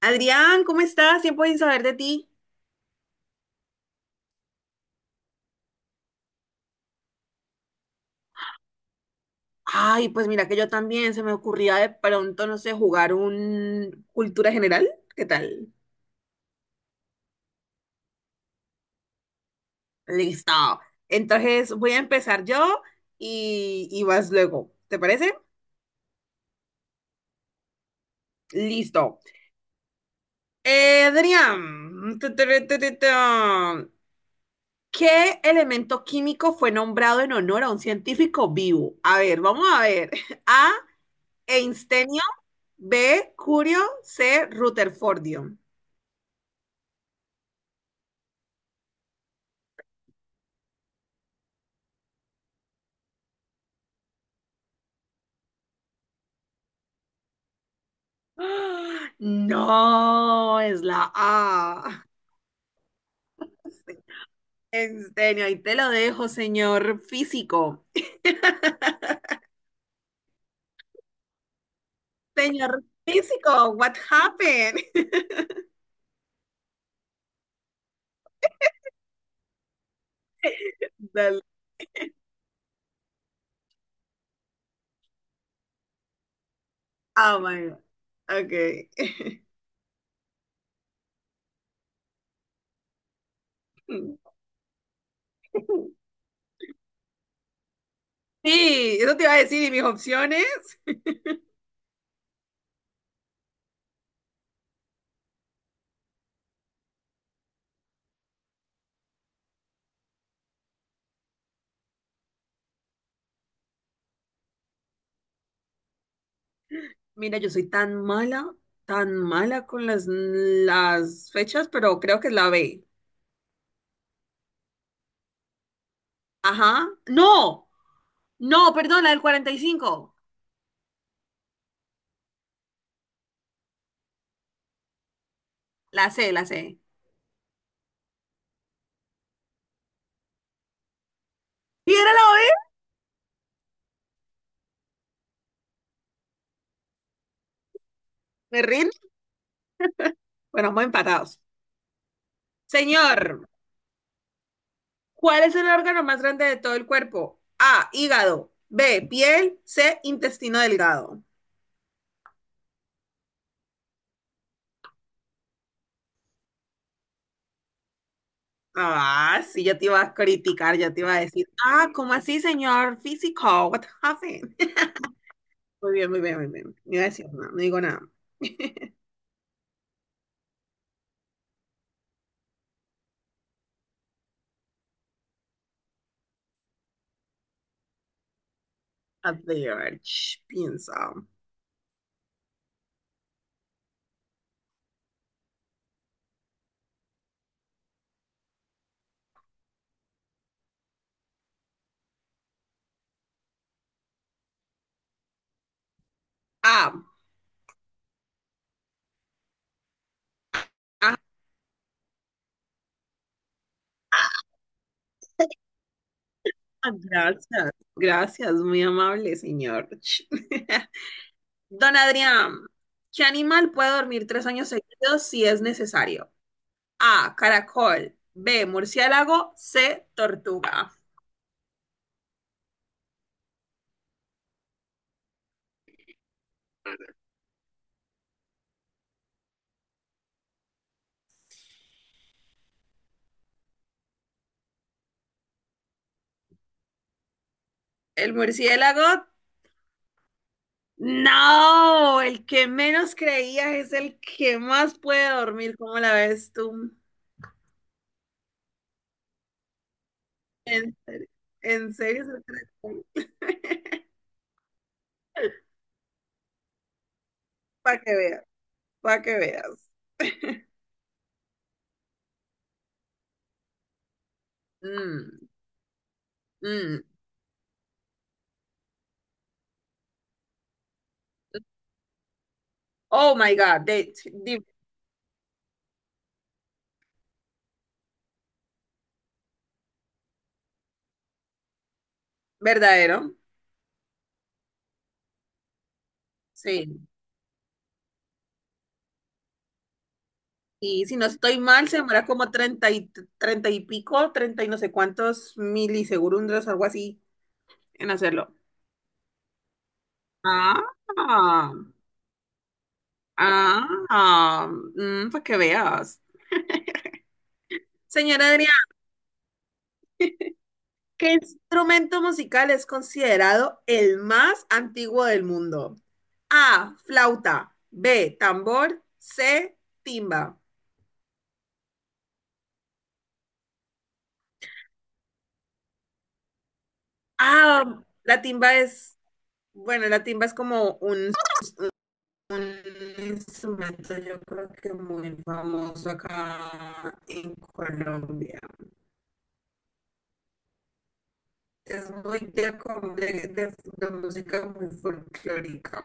Adrián, ¿cómo estás? Tiempo sin saber de ti. Ay, pues mira que yo también se me ocurría de pronto, no sé, jugar un cultura general. ¿Qué tal? Listo. Entonces voy a empezar yo y vas luego. ¿Te parece? Listo. Adrián, tu. ¿Qué elemento químico fue nombrado en honor a un científico vivo? A ver, vamos a ver. A, einstenio, B, curio, C, rutherfordio. ¡Ah! No, es la A. En serio, ahí te lo dejo, señor físico. Señor físico, what happened? Dale. Oh my God. Okay. Sí, eso te iba a decir, y mis opciones. Mira, yo soy tan mala con las fechas, pero creo que es la B. Ajá. No, no, perdón, la del 45. La C. ¿Y era la B? ¿Me rindo? Bueno, vamos empatados. Señor, ¿cuál es el órgano más grande de todo el cuerpo? A, hígado. B, piel. C, intestino delgado. Ah, sí, yo te iba a criticar, yo te iba a decir, ah, ¿cómo así, señor físico? What happened? Muy bien, muy bien, muy bien. No iba a decir nada, no digo nada. A ver, ch, piensa. Ah, ah, gracias, gracias, muy amable, señor. Don Adrián, ¿qué animal puede dormir 3 años seguidos si es necesario? A, caracol, B, murciélago, C, tortuga. El murciélago, no, el que menos creía es el que más puede dormir, ¿cómo la ves tú? En serio, en serio, es el caracol. Para que veas, para que veas. Mm, mm. Oh my God. Di- Verdadero. Sí. Y si no estoy mal, se demora como 30 y pico, 30 y no sé cuántos milisegundos, algo así, en hacerlo. Ah, ah, mm, para que veas. Señora Adrián, ¿qué instrumento musical es considerado el más antiguo del mundo? A, flauta, B, tambor, C, timba. Ah, la timba es, bueno, la timba es como un instrumento yo creo que muy famoso acá en Colombia. Es muy de, como de música muy folclórica.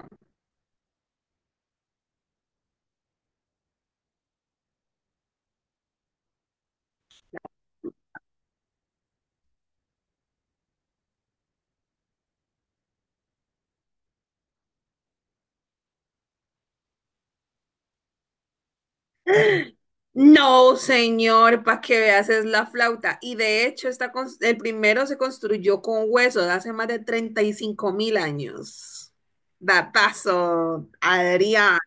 No, señor, para que veas, es la flauta. Y de hecho, está cons- el primero se construyó con hueso de hace más de 35.000 años. Datazo, Adrián.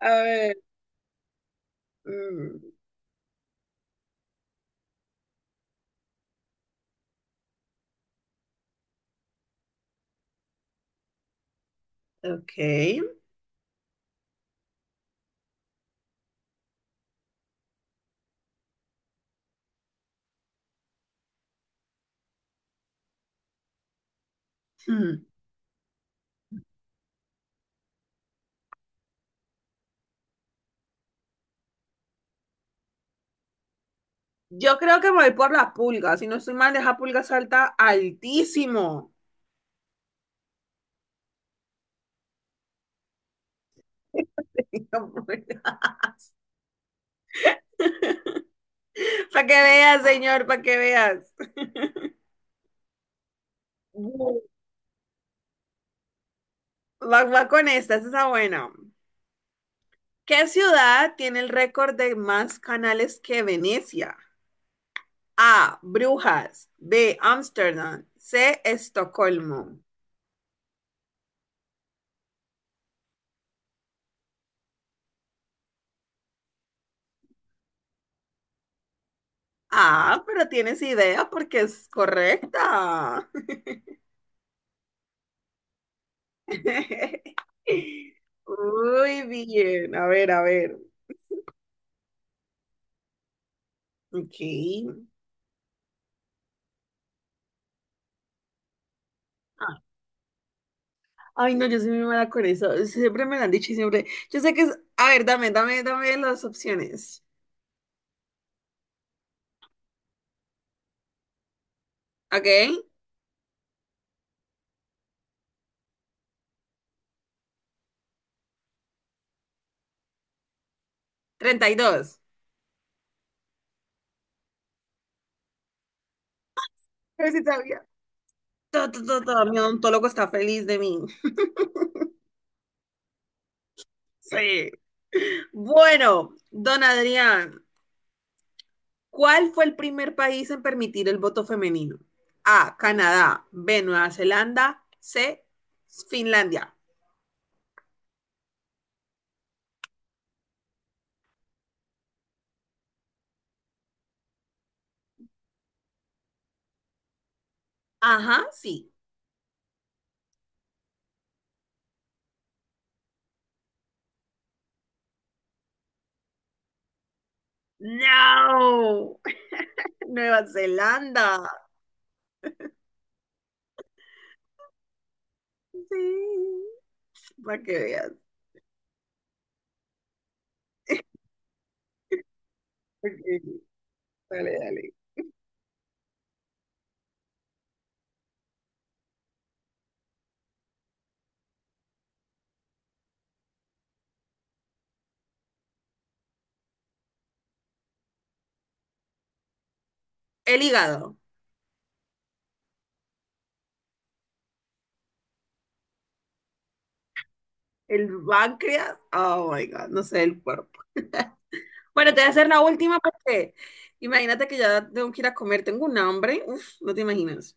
A ver, mm, ok. Hmm. Yo creo que me voy por la pulga. Si no estoy mal, esa pulga salta altísimo. Para que veas, señor, para que veas. Va, va con esta, esa está buena. ¿Qué ciudad tiene el récord de más canales que Venecia? A, Brujas. B, Ámsterdam. C, Estocolmo. Ah, pero tienes idea porque es correcta. Muy bien. A ver, a ver. Ok. Ay, no, yo soy muy mala con eso. Siempre me lo han dicho y siempre. Yo sé que es. A ver, dame, dame, dame las opciones. ¿Ok? 32. Ver si sabía. Todo, todo, todo. Mi odontólogo está feliz de mí. Sí. Bueno, don Adrián, ¿cuál fue el primer país en permitir el voto femenino? A, Canadá, B, Nueva Zelanda, C, Finlandia. Ajá, sí. No, Nueva Zelanda. Sí, para que veas. Ok. Dale, dale. El hígado, el páncreas, oh my God, no sé, el cuerpo. Bueno, te voy a hacer la última porque imagínate que ya tengo que ir a comer, tengo un hambre, uf, no te imaginas.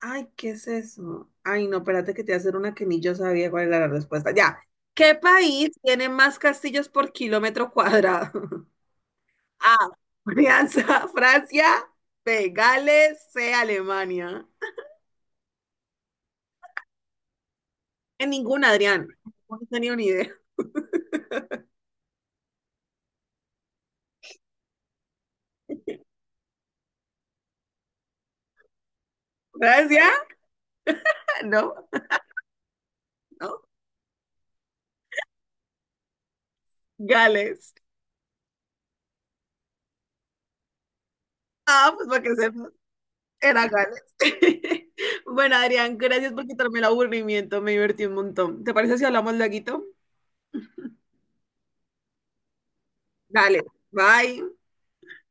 Ay, ¿qué es eso? Ay, no, espérate que te voy a hacer una que ni yo sabía cuál era la respuesta. Ya. ¿Qué país tiene más castillos por kilómetro cuadrado? A, Alianza, Francia, B, Gales, C, Alemania. En ninguna, Adrián. No tenía ni idea. Francia, no, no. Gales. Ah, pues para que sepas, era Gales. Bueno, Adrián, gracias por quitarme el aburrimiento, me divertí un montón. ¿Te parece si hablamos laguito? Dale, bye.